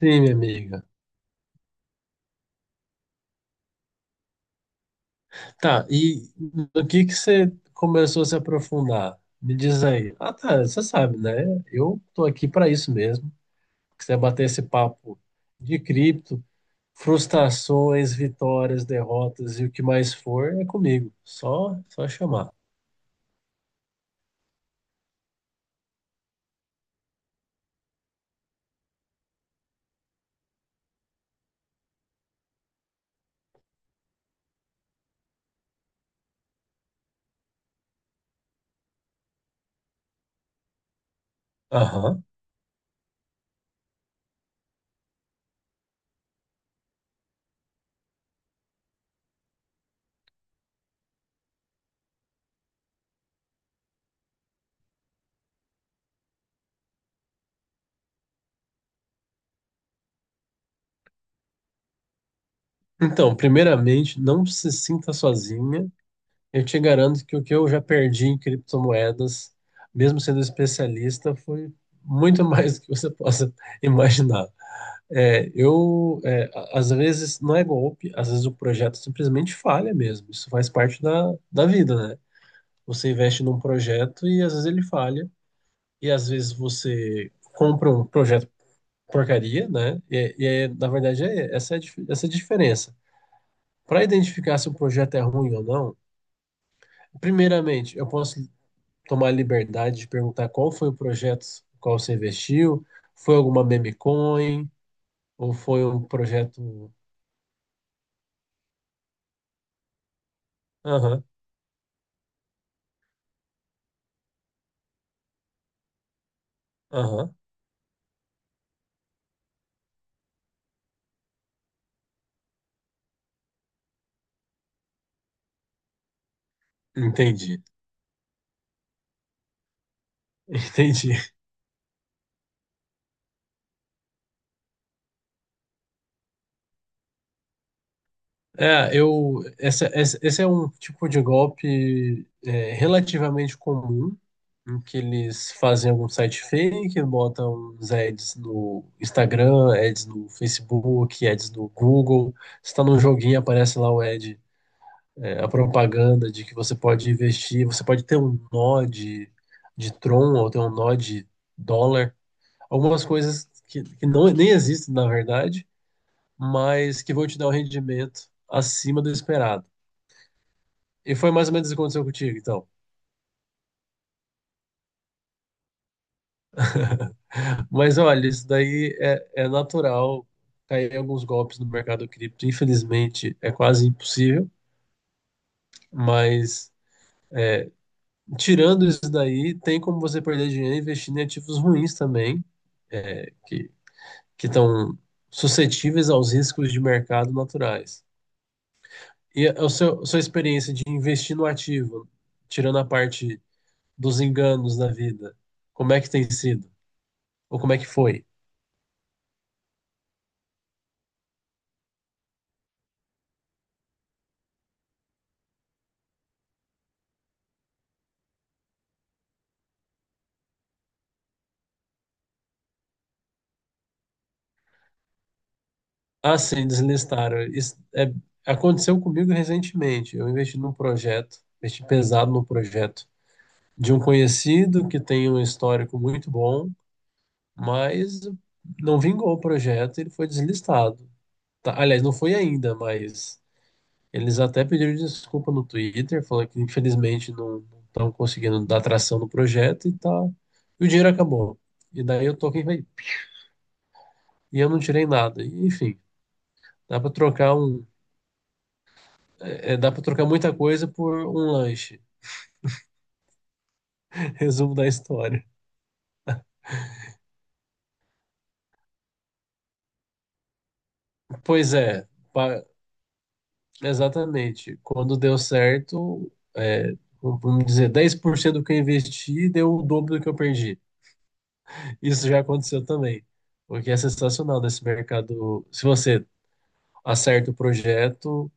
Sim, minha amiga. Tá, e no que você começou a se aprofundar? Me diz aí. Ah, tá, você sabe, né? Eu tô aqui para isso mesmo. Que você bater esse papo de cripto, frustrações, vitórias, derrotas e o que mais for, é comigo. Só chamar. Aham. Então, primeiramente, não se sinta sozinha. Eu te garanto que o que eu já perdi em criptomoedas, mesmo sendo especialista, foi muito mais do que você possa imaginar. Às vezes, não é golpe, às vezes o projeto simplesmente falha mesmo. Isso faz parte da vida, né? Você investe num projeto e às vezes ele falha, e às vezes você compra um projeto porcaria, né? E aí, na verdade, essa é a diferença. Para identificar se o projeto é ruim ou não, primeiramente, eu posso tomar a liberdade de perguntar qual foi o projeto no qual você investiu, foi alguma meme coin, ou foi um projeto. Aham, aham. Entendi, entendi. Esse é um tipo de golpe, relativamente comum, em que eles fazem algum site fake, botam uns ads no Instagram, ads no Facebook, ads no Google. Você está num joguinho, aparece lá o ad, a propaganda de que você pode investir, você pode ter um nó de Tron ou ter um nó de dólar, algumas coisas que não, nem existem na verdade, mas que vão te dar um rendimento acima do esperado. E foi mais ou menos isso que aconteceu contigo, então. Mas olha, isso daí é natural cair alguns golpes no mercado cripto, infelizmente é quase impossível, mas tirando isso daí, tem como você perder dinheiro investindo em ativos ruins também, é, que, que estão suscetíveis aos riscos de mercado naturais. E a sua experiência de investir no ativo, tirando a parte dos enganos da vida, como é que tem sido? Ou como é que foi? Ah, sim, deslistaram. Aconteceu comigo recentemente. Eu investi num projeto, investi pesado no projeto de um conhecido que tem um histórico muito bom, mas não vingou o projeto, ele foi deslistado. Tá, aliás, não foi ainda, mas eles até pediram desculpa no Twitter, falando que infelizmente não estão conseguindo dar tração no projeto e tá. E o dinheiro acabou. E daí eu tô quem vai. E eu não tirei nada. E, enfim, dá para trocar um, dá para trocar muita coisa por um lanche. Resumo da história. Pois é, pa- exatamente. Quando deu certo, vamos dizer, 10% do que eu investi deu o dobro do que eu perdi. Isso já aconteceu também. O que é sensacional nesse mercado. Se você acerta o projeto,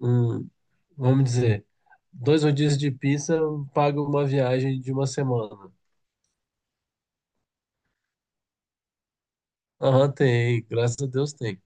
hum, vamos dizer, dois rodízios de pizza paga uma viagem de uma semana. Aham, tem, graças a Deus tem.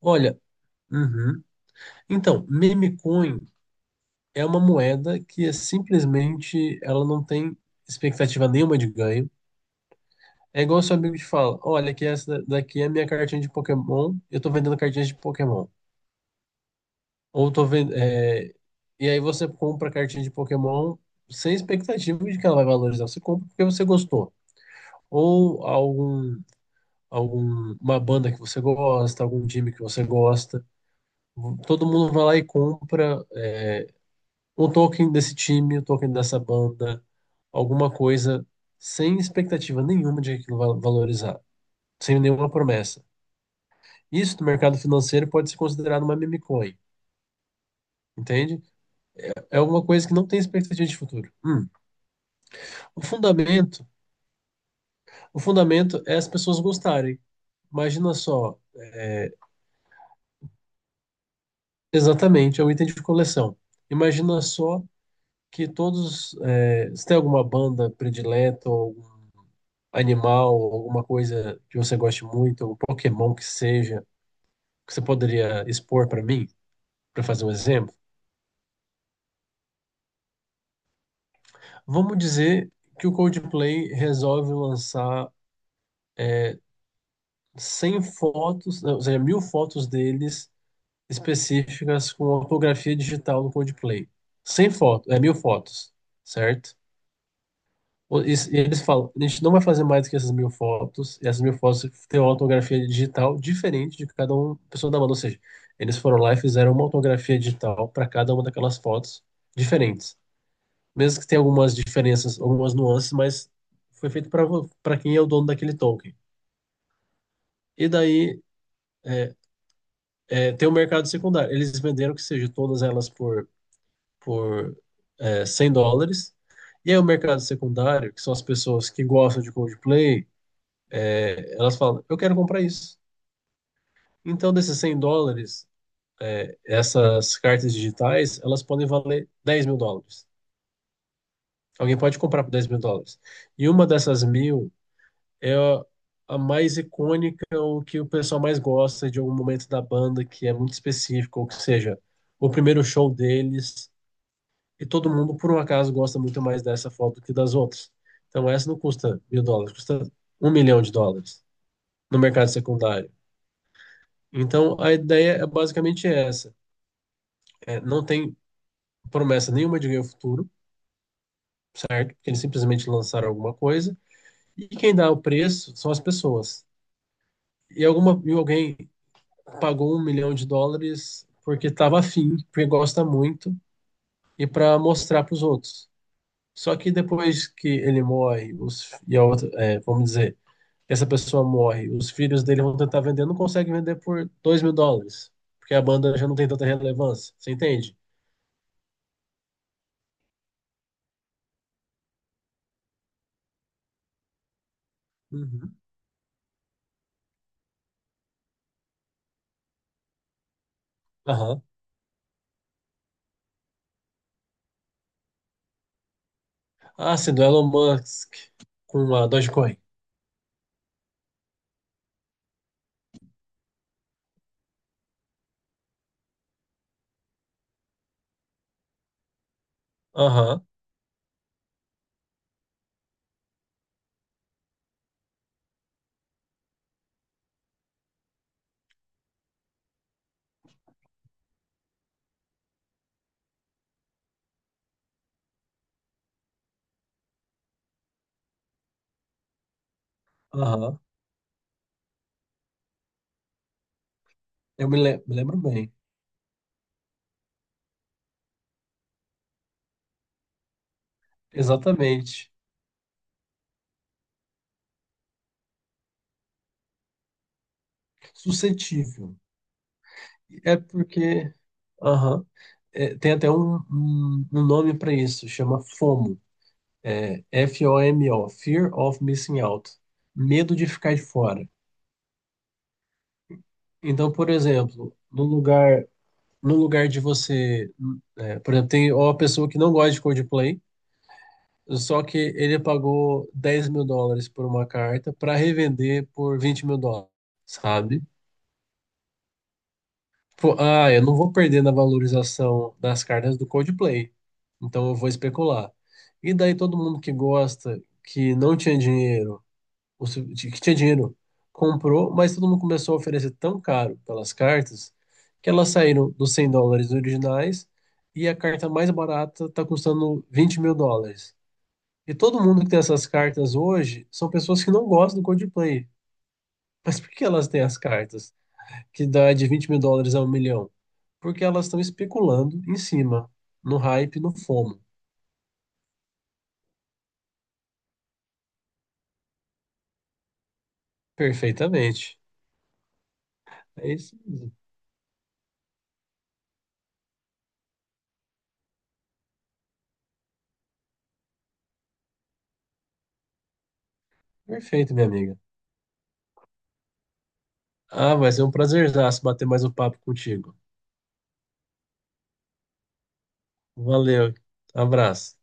Olha, uhum. Então, meme coin é uma moeda que é simplesmente ela não tem expectativa nenhuma de ganho. É igual seu amigo te fala, olha que essa daqui é a minha cartinha de Pokémon, eu tô vendendo cartinhas de Pokémon. Ou tô vendo. E aí você compra a cartinha de Pokémon sem expectativa de que ela vai valorizar. Você compra porque você gostou. Ou uma banda que você gosta, algum time que você gosta. Todo mundo vai lá e compra um token desse time, um token dessa banda, alguma coisa sem expectativa nenhuma de que aquilo vai valorizar, sem nenhuma promessa. Isso no mercado financeiro pode ser considerado uma meme coin, entende? É alguma coisa que não tem expectativa de futuro. O fundamento, o fundamento é as pessoas gostarem. Imagina só, exatamente, é um item de coleção. Imagina só que se tem alguma banda predileta, ou algum animal, ou alguma coisa que você goste muito, ou Pokémon que seja, que você poderia expor para mim, para fazer um exemplo. Vamos dizer que o Coldplay resolve lançar 100 fotos, ou seja, mil fotos deles específicas com ortografia digital no Codeplay. Sem foto é mil fotos, certo? E eles falam, a gente não vai fazer mais do que essas mil fotos, e essas mil fotos têm uma ortografia digital diferente de cada uma pessoa da banda. Ou seja, eles foram lá e fizeram uma ortografia digital para cada uma daquelas fotos diferentes. Mesmo que tenha algumas diferenças, algumas nuances, mas foi feito para quem é o dono daquele token. E daí é, tem o mercado secundário. Eles venderam que seja todas elas por por 100 dólares. E aí o mercado secundário, que são as pessoas que gostam de Coldplay, elas falam, eu quero comprar isso. Então, desses 100 dólares, essas cartas digitais, elas podem valer 10.000 dólares. Alguém pode comprar por 10.000 dólares. E uma dessas mil é a mais icônica, ou que o pessoal mais gosta de algum momento da banda que é muito específico, ou que seja, o primeiro show deles, e todo mundo, por um acaso, gosta muito mais dessa foto que das outras. Então, essa não custa mil dólares, custa um milhão de dólares no mercado secundário. Então, a ideia é basicamente essa: não tem promessa nenhuma de ganho futuro, porque eles simplesmente lançaram alguma coisa, e quem dá o preço são as pessoas. E alguém pagou um milhão de dólares porque estava afim, porque gosta muito, e para mostrar para os outros. Só que depois que ele morre, os, e a outra, é, vamos dizer, essa pessoa morre, os filhos dele vão tentar vender, não conseguem vender por 2.000 dólares, porque a banda já não tem tanta relevância, você entende? Uhum. Aham. Ah, sim, do Elon Musk com a Dogecoin. Aham, aham. Me lembro bem. Exatamente. Suscetível. É porque. Aham. É, tem até um nome para isso, chama FOMO. FOMO, Fear of Missing Out. Medo de ficar de fora. Então, por exemplo, no lugar de você. Por exemplo, tem uma pessoa que não gosta de Coldplay, só que ele pagou 10.000 dólares por uma carta para revender por 20.000 dólares, sabe? Tipo, ah, eu não vou perder na valorização das cartas do Coldplay, então eu vou especular. E daí todo mundo que gosta, que não tinha dinheiro, que tinha dinheiro, comprou, mas todo mundo começou a oferecer tão caro pelas cartas que elas saíram dos 100 dólares originais e a carta mais barata está custando 20.000 dólares. E todo mundo que tem essas cartas hoje são pessoas que não gostam do Coldplay. Mas por que elas têm as cartas que dá de 20.000 dólares a um milhão? Porque elas estão especulando em cima, no hype, no FOMO. Perfeitamente. É isso mesmo. Perfeito, minha amiga. Ah, vai ser um prazerzaço bater mais um papo contigo. Valeu, abraço.